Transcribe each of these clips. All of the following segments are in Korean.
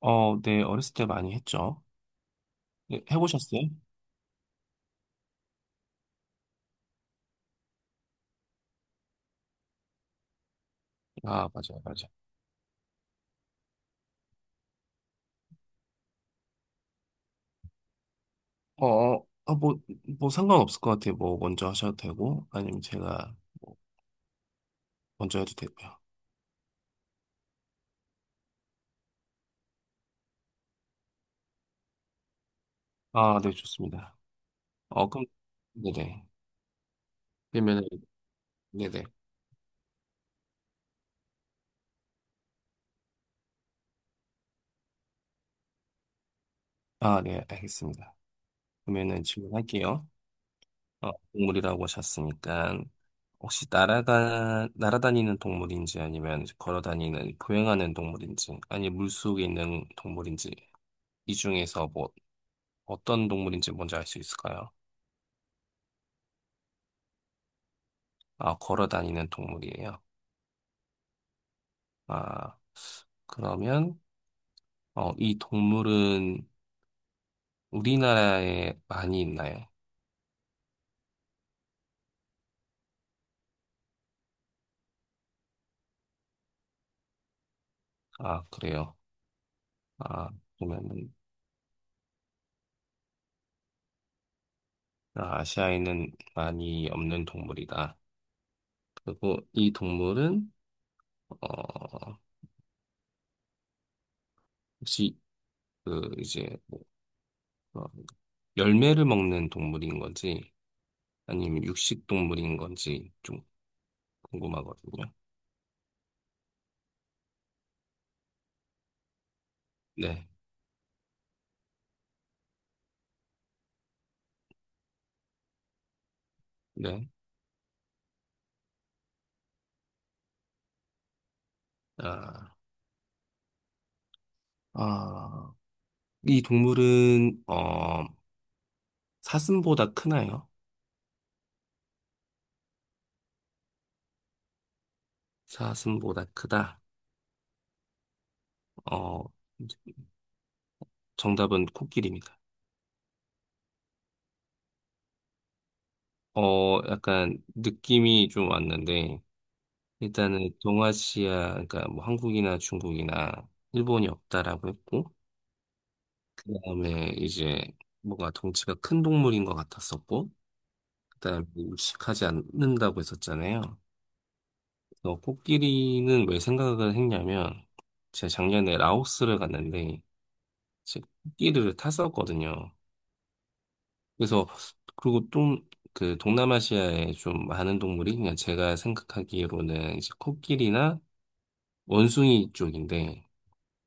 네, 어렸을 때 많이 했죠. 네, 해보셨어요? 아, 맞아요, 맞아요. 어, 어, 어, 뭐, 뭐 상관없을 것 같아요. 뭐, 먼저 하셔도 되고, 아니면 제가 뭐 먼저 해도 되고요. 아, 네, 좋습니다. 그럼, 네네. 그러면은, 네네. 아, 네, 알겠습니다. 그러면은 질문할게요. 동물이라고 하셨으니까, 혹시 날아다니는 동물인지 아니면 보행하는 동물인지, 아니 물속에 있는 동물인지, 이 중에서 뭐 어떤 동물인지 뭔지 알 수 있을까요? 아, 걸어 다니는 동물이에요. 아, 그러면, 이 동물은 우리나라에 많이 있나요? 아, 그래요. 아, 그러면은, 아, 아시아에는 많이 없는 동물이다. 그리고 이 동물은, 어, 혹시, 그, 이제, 뭐, 어, 열매를 먹는 동물인 건지, 아니면 육식 동물인 건지 좀 궁금하거든요. 네, 네. 아, 아. 이 동물은 사슴보다 크나요? 사슴보다 크다. 어 정답은 코끼리입니다. 약간 느낌이 좀 왔는데 일단은 동아시아 그러니까 뭐 한국이나 중국이나 일본이 없다라고 했고 그다음에 이제 뭔가 덩치가 큰 동물인 것 같았었고 그다음에 육식하지 않는다고 했었잖아요. 그래서 코끼리는 왜 생각을 했냐면 제가 작년에 라오스를 갔는데 끼리를 탔었거든요. 그래서 그리고 좀 그 동남아시아에 좀 많은 동물이 그냥 제가 생각하기로는 이제 코끼리나 원숭이 쪽인데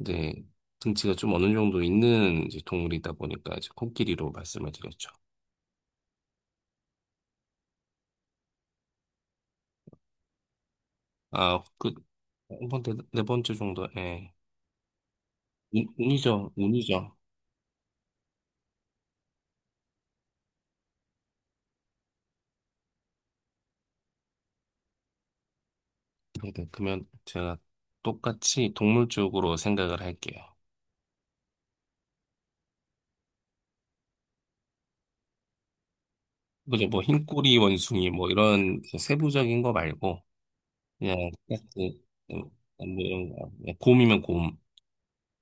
이제 등치가 좀 어느 정도 있는 이제 동물이다 보니까 이제 코끼리로 말씀을 드렸죠. 아, 그, 한 번째, 네 번째 정도, 예. 운이죠, 운이죠. 네, 그러면 제가 똑같이 동물 쪽으로 생각을 할게요. 그죠, 뭐, 흰꼬리 원숭이, 뭐, 이런 세부적인 거 말고, 그냥 딱지 음, 뭐 이런 거 그냥 곰이면 곰,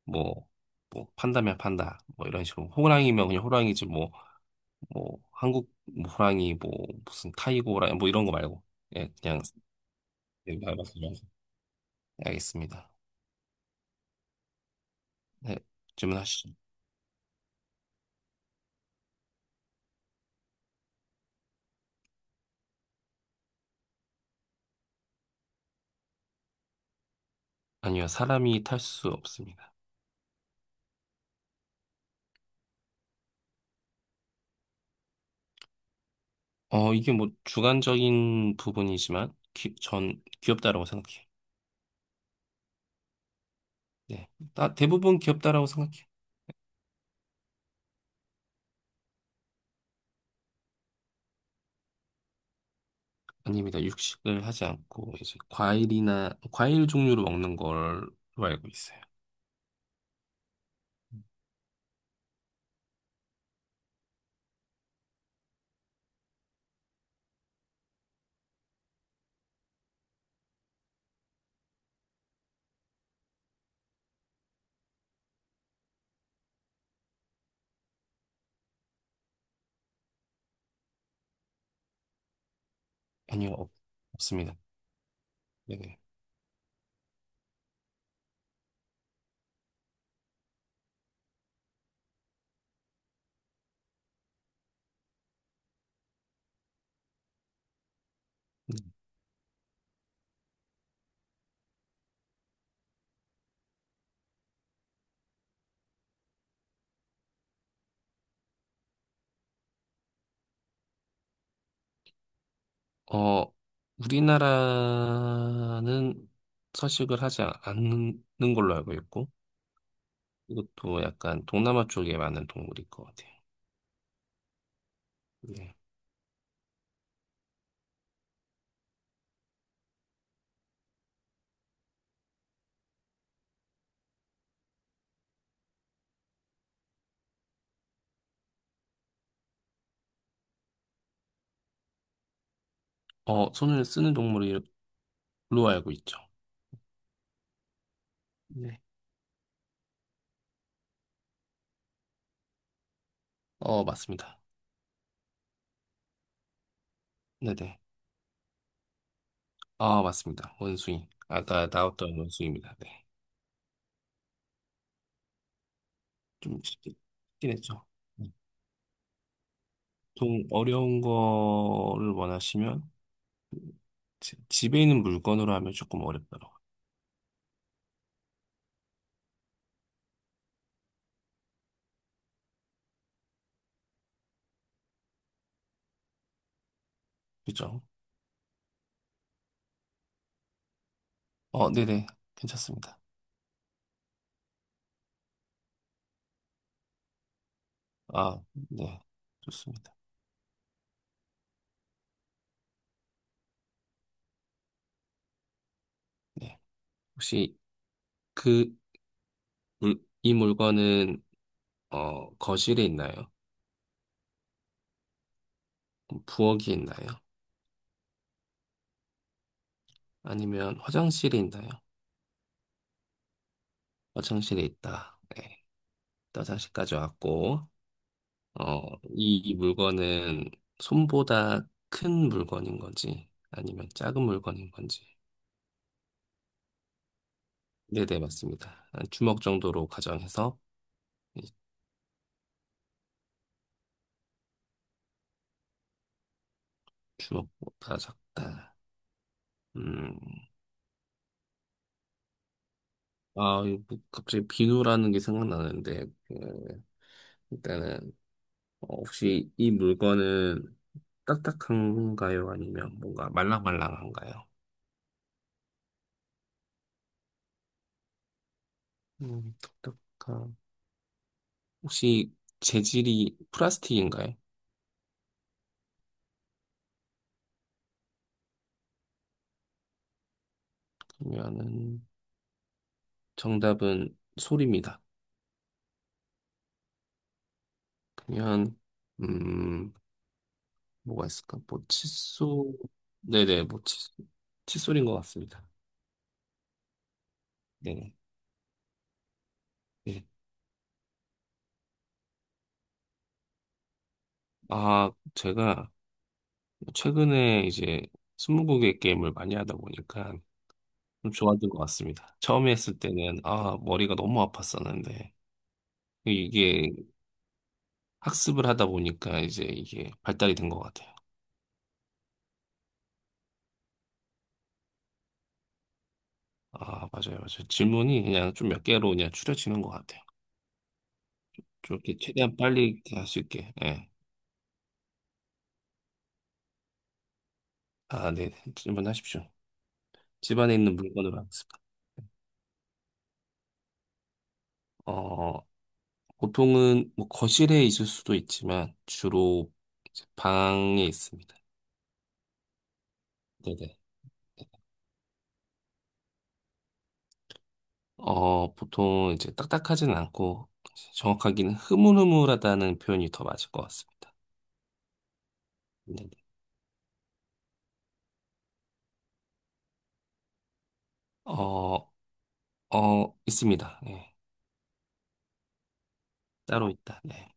뭐, 뭐 판다면 판다, 뭐 이런 식으로 호랑이면 그냥 호랑이지 뭐, 뭐 한국 뭐 호랑이 뭐 무슨 타이거 호랑이 뭐 이런 거 말고 예 그냥 말씀하세요. 알겠습니다. 네 질문하시죠. 아니요 사람이 탈 수 없습니다. 이게 뭐 주관적인 부분이지만 전 귀엽다라고 생각해요. 네, 다 대부분 귀엽다라고 생각해요. 아닙니다. 육식을 하지 않고 이제 과일이나 과일 종류를 먹는 걸로 알고 있어요. 아니요, 습니다 네네. 어, 우리나라는 서식을 않는 걸로 알고 있고 이것도 약간 동남아 쪽에 많은 동물일 것 같아요. 네. 어, 손을 쓰는 동물로 알고 있죠. 네. 어, 맞습니다. 네네. 아, 맞습니다. 원숭이. 아까 나왔던 원숭이입니다. 네. 좀 쉽긴 했죠. 보통 어려운 거를 원하시면 집에 있는 물건으로 하면 조금 어렵더라고요. 그죠? 어, 네네. 괜찮습니다. 아, 네. 좋습니다. 네. 혹시 그, 이 물건은, 거실에 있나요? 부엌에 있나요? 아니면 화장실에 있나요? 화장실에 있다. 네. 또 화장실까지 왔고, 어, 이 물건은 손보다 큰 물건인 건지, 아니면 작은 물건인 건지. 네네, 맞습니다. 한 주먹 정도로 가정해서 이 주먹보다 작다. 음, 아, 이거 갑자기 비누라는 게 생각나는데, 그, 일단은 어, 혹시 이 물건은 딱딱한가요? 아니면 뭔가 말랑말랑한가요? 음, 딱딱한. 혹시 재질이 플라스틱인가요? 그러면은 정답은 솔입니다. 그러면 음, 뭐가 있을까? 뭐 칫솔. 네네, 뭐 칫솔. 칫솔인 것 같습니다. 네네. 네. 아, 제가 최근에 이제 스무고개 게임을 많이 하다 보니까 좀 좋아진 것 같습니다. 처음에 했을 때는 아, 머리가 너무 아팠었는데 이게 학습을 하다 보니까 이제 이게 발달이 된 것 같아요. 아, 맞아요, 맞아요. 질문이 그냥 좀 몇 개로 그냥 추려지는 것 같아요. 좀 이렇게 최대한 빨리 할 수 있게. 예. 아, 네. 질문하십시오. 집안에 있는 물건으로 하겠습니다. 어, 보통은 뭐 거실에 있을 수도 있지만 주로 이제 방에 있습니다. 네네. 어, 보통 이제 딱딱하진 않고 정확하게는 흐물흐물하다는 표현이 더 맞을 것 같습니다. 네네. 어, 어, 있습니다. 네. 따로 있다. 네.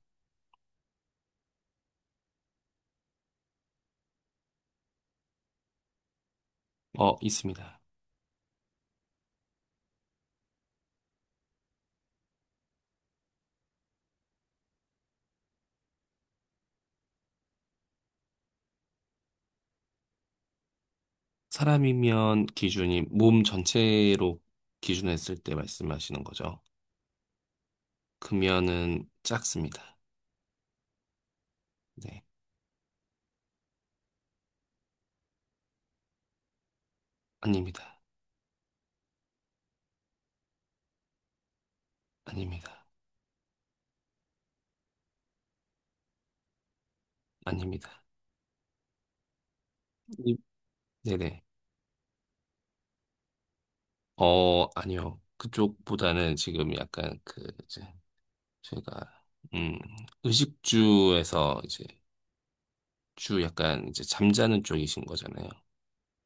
어, 있습니다. 사람이면 기준이 몸 전체로 기준했을 때 말씀하시는 거죠. 금연은 작습니다. 네. 아닙니다. 아닙니다. 아닙니다. 네네. 어, 아니요. 그쪽보다는 지금 약간 제가, 음, 의식주에서 이제, 주 약간 이제 잠자는 쪽이신 거잖아요.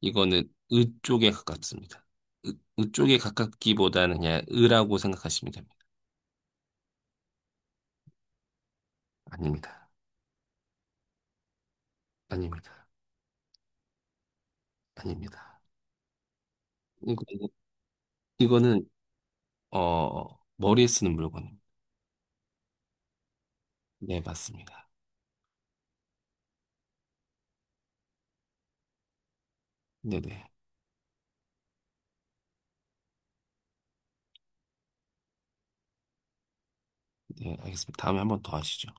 이거는 의 쪽에 가깝습니다. 의 쪽에 가깝기보다는 그냥 의라고 생각하시면 됩니다. 아닙니다. 아닙니다. 아닙니다. 이거, 이거- 이거는, 어, 머리에 쓰는 물건입니다. 네, 맞습니다. 네네. 네, 알겠습니다. 다음에 한번 더 하시죠.